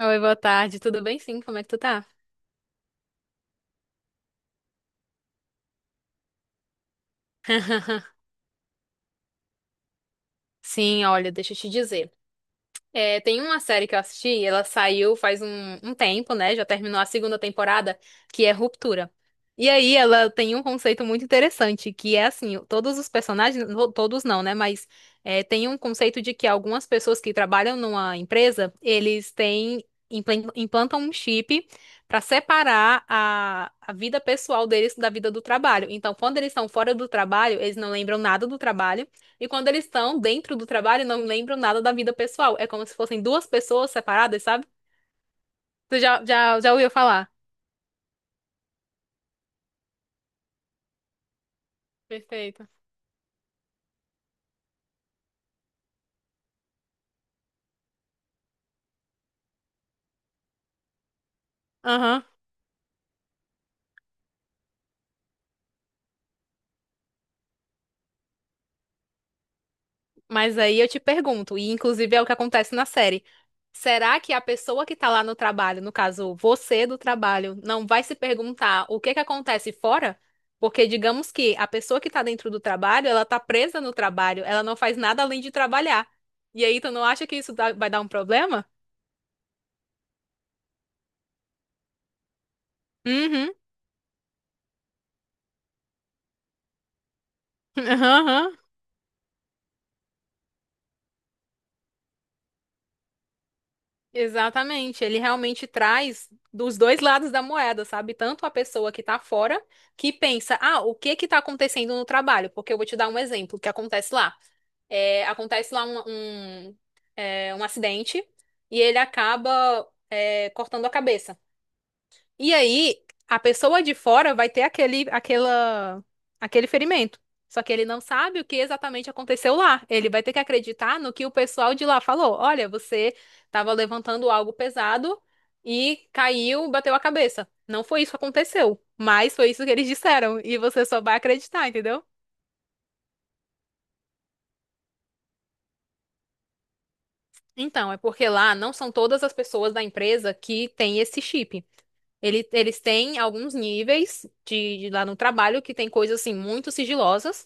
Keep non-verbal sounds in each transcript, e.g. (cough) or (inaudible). Oi, boa tarde. Tudo bem? Sim, como é que tu tá? (laughs) Sim, olha, deixa eu te dizer. É, tem uma série que eu assisti, ela saiu faz um tempo, né? Já terminou a segunda temporada, que é Ruptura. E aí ela tem um conceito muito interessante, que é assim, todos os personagens, todos não, né? Mas é, tem um conceito de que algumas pessoas que trabalham numa empresa, eles têm, implantam um chip para separar a vida pessoal deles da vida do trabalho. Então, quando eles estão fora do trabalho, eles não lembram nada do trabalho. E quando eles estão dentro do trabalho, não lembram nada da vida pessoal. É como se fossem duas pessoas separadas, sabe? Tu já ouviu falar? Perfeito. Aham. Mas aí eu te pergunto, e inclusive é o que acontece na série. Será que a pessoa que tá lá no trabalho, no caso, você do trabalho, não vai se perguntar o que que acontece fora? Porque digamos que a pessoa que tá dentro do trabalho, ela tá presa no trabalho, ela não faz nada além de trabalhar. E aí tu não acha que isso vai dar um problema? Uhum. (laughs) Aham. Exatamente, ele realmente traz dos dois lados da moeda, sabe? Tanto a pessoa que tá fora, que pensa, ah, o que que tá acontecendo no trabalho? Porque eu vou te dar um exemplo que acontece lá. É, acontece lá um acidente e ele acaba, é, cortando a cabeça. E aí, a pessoa de fora vai ter aquele ferimento. Só que ele não sabe o que exatamente aconteceu lá. Ele vai ter que acreditar no que o pessoal de lá falou. Olha, você estava levantando algo pesado e caiu, bateu a cabeça. Não foi isso que aconteceu, mas foi isso que eles disseram. E você só vai acreditar, entendeu? Então, é porque lá não são todas as pessoas da empresa que têm esse chip. Eles têm alguns níveis de lá no trabalho que tem coisas assim muito sigilosas.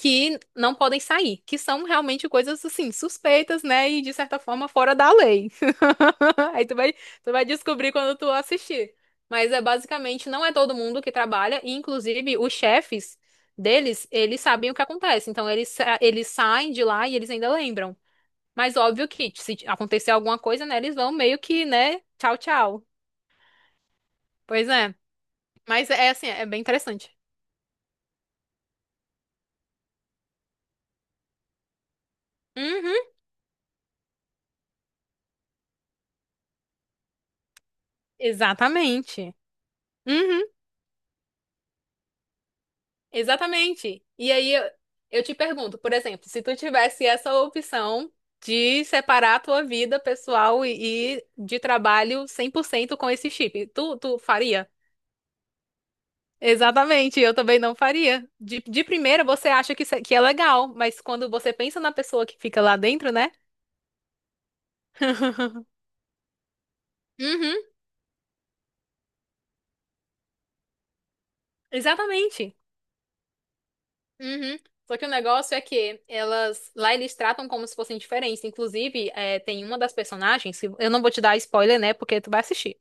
Que não podem sair, que são realmente coisas assim, suspeitas, né? E de certa forma fora da lei. (laughs) Aí tu vai descobrir quando tu assistir. Mas é basicamente não é todo mundo que trabalha, e inclusive os chefes deles, eles sabem o que acontece. Então eles, eles saem de lá e eles ainda lembram. Mas óbvio que se acontecer alguma coisa, né, eles vão meio que, né, tchau, tchau. Pois é. Mas é assim, é bem interessante. Uhum, exatamente. Uhum. Exatamente. E aí eu te pergunto, por exemplo, se tu tivesse essa opção de separar a tua vida pessoal e de trabalho 100% com esse chip, tu faria? Exatamente, eu também não faria. De primeira você acha que, que é legal, mas quando você pensa na pessoa que fica lá dentro, né? (laughs) Uhum, exatamente. Uhum. Só que o negócio é que elas lá eles tratam como se fossem diferentes. Inclusive, é, tem uma das personagens, que eu não vou te dar spoiler, né? Porque tu vai assistir.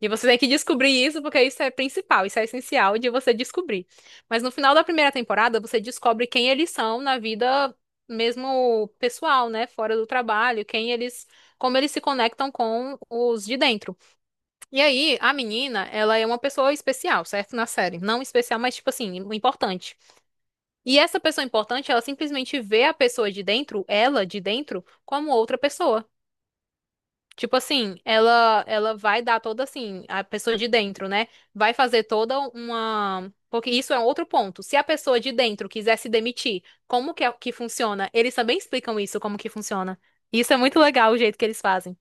E você tem que descobrir isso, porque isso é principal, isso é essencial de você descobrir. Mas no final da primeira temporada, você descobre quem eles são na vida mesmo pessoal, né? Fora do trabalho, quem eles, como eles se conectam com os de dentro. E aí, a menina, ela é uma pessoa especial, certo? Na série. Não especial, mas tipo assim, importante. E essa pessoa importante, ela simplesmente vê a pessoa de dentro, ela de dentro, como outra pessoa. Tipo assim, ela vai dar toda assim, a pessoa de dentro, né? Vai fazer toda uma. Porque isso é um outro ponto. Se a pessoa de dentro quiser se demitir, como que, que funciona? Eles também explicam isso, como que funciona. Isso é muito legal o jeito que eles fazem.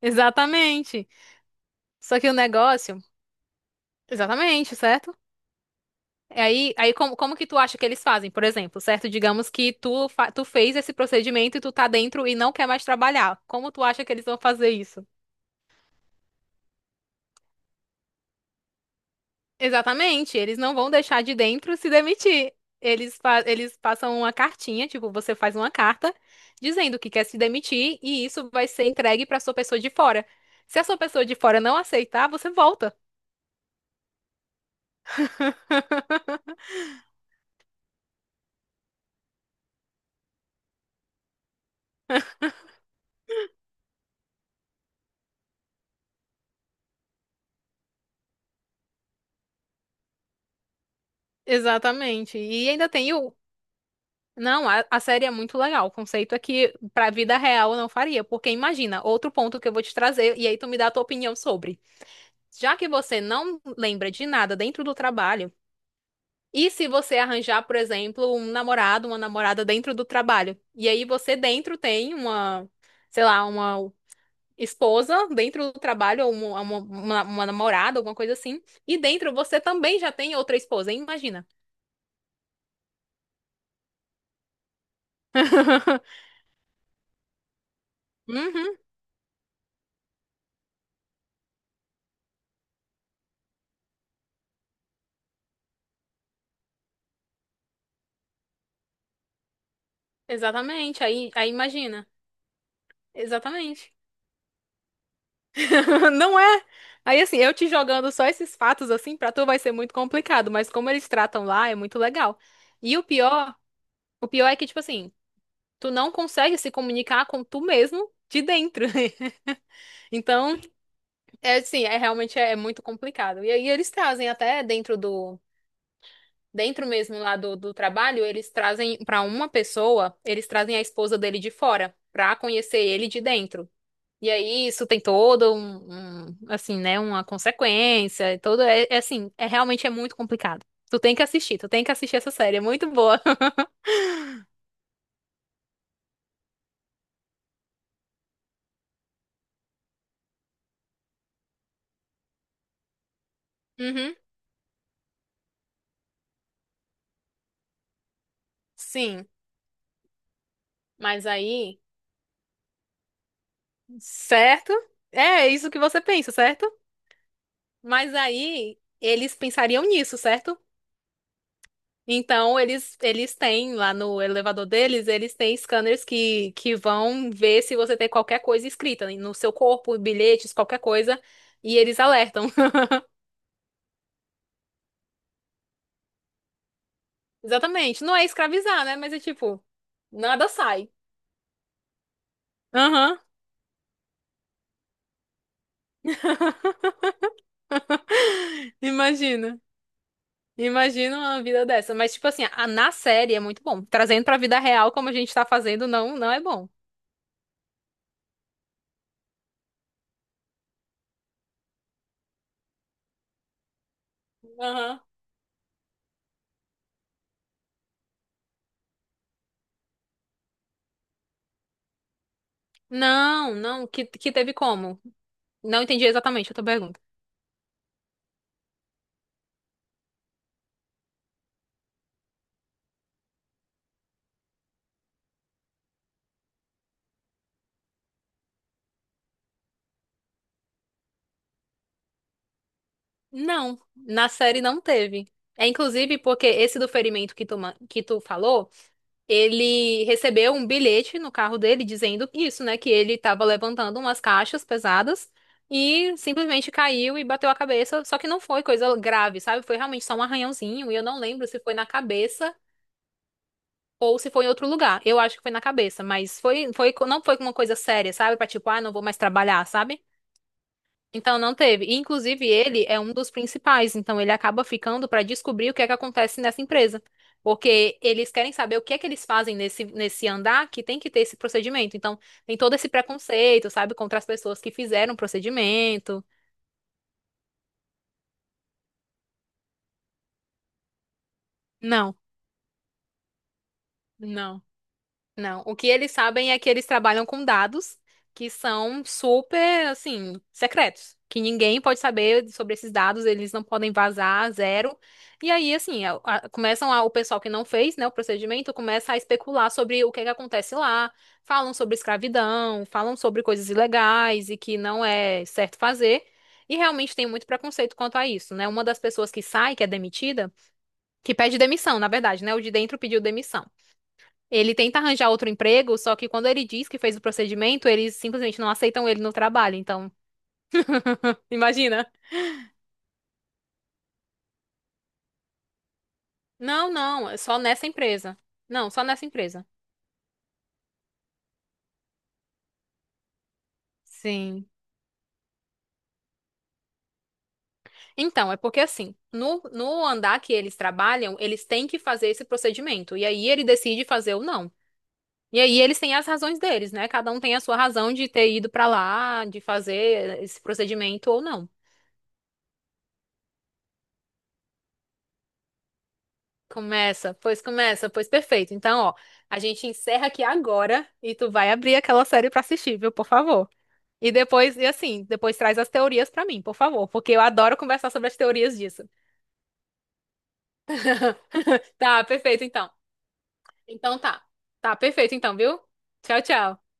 Exatamente. Só que o negócio. Exatamente, certo? Aí, como que tu acha que eles fazem, por exemplo, certo? Digamos que tu fez esse procedimento e tu tá dentro e não quer mais trabalhar. Como tu acha que eles vão fazer isso? Exatamente, eles não vão deixar de dentro se demitir. Eles, eles passam uma cartinha, tipo, você faz uma carta dizendo que quer se demitir e isso vai ser entregue para sua pessoa de fora. Se a sua pessoa de fora não aceitar, você volta. Exatamente. E ainda tem o Não, a série é muito legal. O conceito é que pra vida real eu não faria, porque imagina, outro ponto que eu vou te trazer e aí tu me dá a tua opinião sobre. Já que você não lembra de nada dentro do trabalho, e se você arranjar, por exemplo, um namorado, uma namorada dentro do trabalho, e aí você dentro tem uma, sei lá, uma esposa dentro do trabalho ou uma namorada, alguma coisa assim, e dentro você também já tem outra esposa, hein? Imagina. (laughs) Uhum, exatamente. Aí, imagina. Exatamente. (laughs) Não é? Aí assim, eu te jogando só esses fatos assim, pra tu vai ser muito complicado, mas como eles tratam lá é muito legal. E o pior é que tipo assim, tu não consegue se comunicar com tu mesmo de dentro. (laughs) Então, é assim, é realmente é, muito complicado. E aí eles trazem até dentro do dentro mesmo lá do trabalho, eles trazem pra uma pessoa, eles trazem a esposa dele de fora, pra conhecer ele de dentro. E aí isso tem todo um, assim, né, uma consequência, e todo é assim, é realmente é muito complicado. Tu tem que assistir, tu tem que assistir essa série, é muito boa. (laughs) Uhum, sim, mas aí, certo? É isso que você pensa, certo? Mas aí eles pensariam nisso, certo? Então eles têm lá no elevador deles, eles têm scanners que vão ver se você tem qualquer coisa escrita no seu corpo, bilhetes, qualquer coisa, e eles alertam. Exatamente. Não é escravizar, né? Mas é tipo, nada sai. Aham, imagina. Imagina uma vida dessa. Mas, tipo assim, na série é muito bom. Trazendo pra vida real, como a gente tá fazendo, não, não é bom. Aham. Não, não, que teve como? Não entendi exatamente a tua pergunta. Não, na série não teve. É inclusive porque esse do ferimento que tu falou, ele recebeu um bilhete no carro dele dizendo isso, né? Que ele tava levantando umas caixas pesadas e simplesmente caiu e bateu a cabeça. Só que não foi coisa grave, sabe? Foi realmente só um arranhãozinho e eu não lembro se foi na cabeça ou se foi em outro lugar. Eu acho que foi na cabeça, mas foi, não foi uma coisa séria, sabe? Pra tipo, ah, não vou mais trabalhar, sabe? Então não teve. E, inclusive, ele é um dos principais, então ele acaba ficando para descobrir o que é que acontece nessa empresa. Porque eles querem saber o que é que eles fazem nesse andar que tem que ter esse procedimento. Então, tem todo esse preconceito, sabe, contra as pessoas que fizeram o procedimento. Não, não. Não, o que eles sabem é que eles trabalham com dados que são super, assim, secretos, que ninguém pode saber sobre esses dados, eles não podem vazar, zero. E aí, assim, o pessoal que não fez, né, o procedimento, começa a especular sobre o que é que acontece lá, falam sobre escravidão, falam sobre coisas ilegais e que não é certo fazer. E realmente tem muito preconceito quanto a isso, né? Uma das pessoas que sai, que é demitida, que pede demissão, na verdade, né? O de dentro pediu demissão. Ele tenta arranjar outro emprego, só que quando ele diz que fez o procedimento, eles simplesmente não aceitam ele no trabalho. Então, imagina. Não, não, é só nessa empresa. Não, só nessa empresa. Sim. Então, é porque assim, no andar que eles trabalham, eles têm que fazer esse procedimento. E aí ele decide fazer ou não. E aí eles têm as razões deles, né? Cada um tem a sua razão de ter ido pra lá, de fazer esse procedimento ou não. Começa, pois perfeito. Então, ó, a gente encerra aqui agora e tu vai abrir aquela série pra assistir, viu? Por favor. E depois, e assim, depois traz as teorias pra mim, por favor, porque eu adoro conversar sobre as teorias disso. (laughs) Tá, perfeito, então. Então tá. Tá, perfeito, então, viu? Tchau, tchau.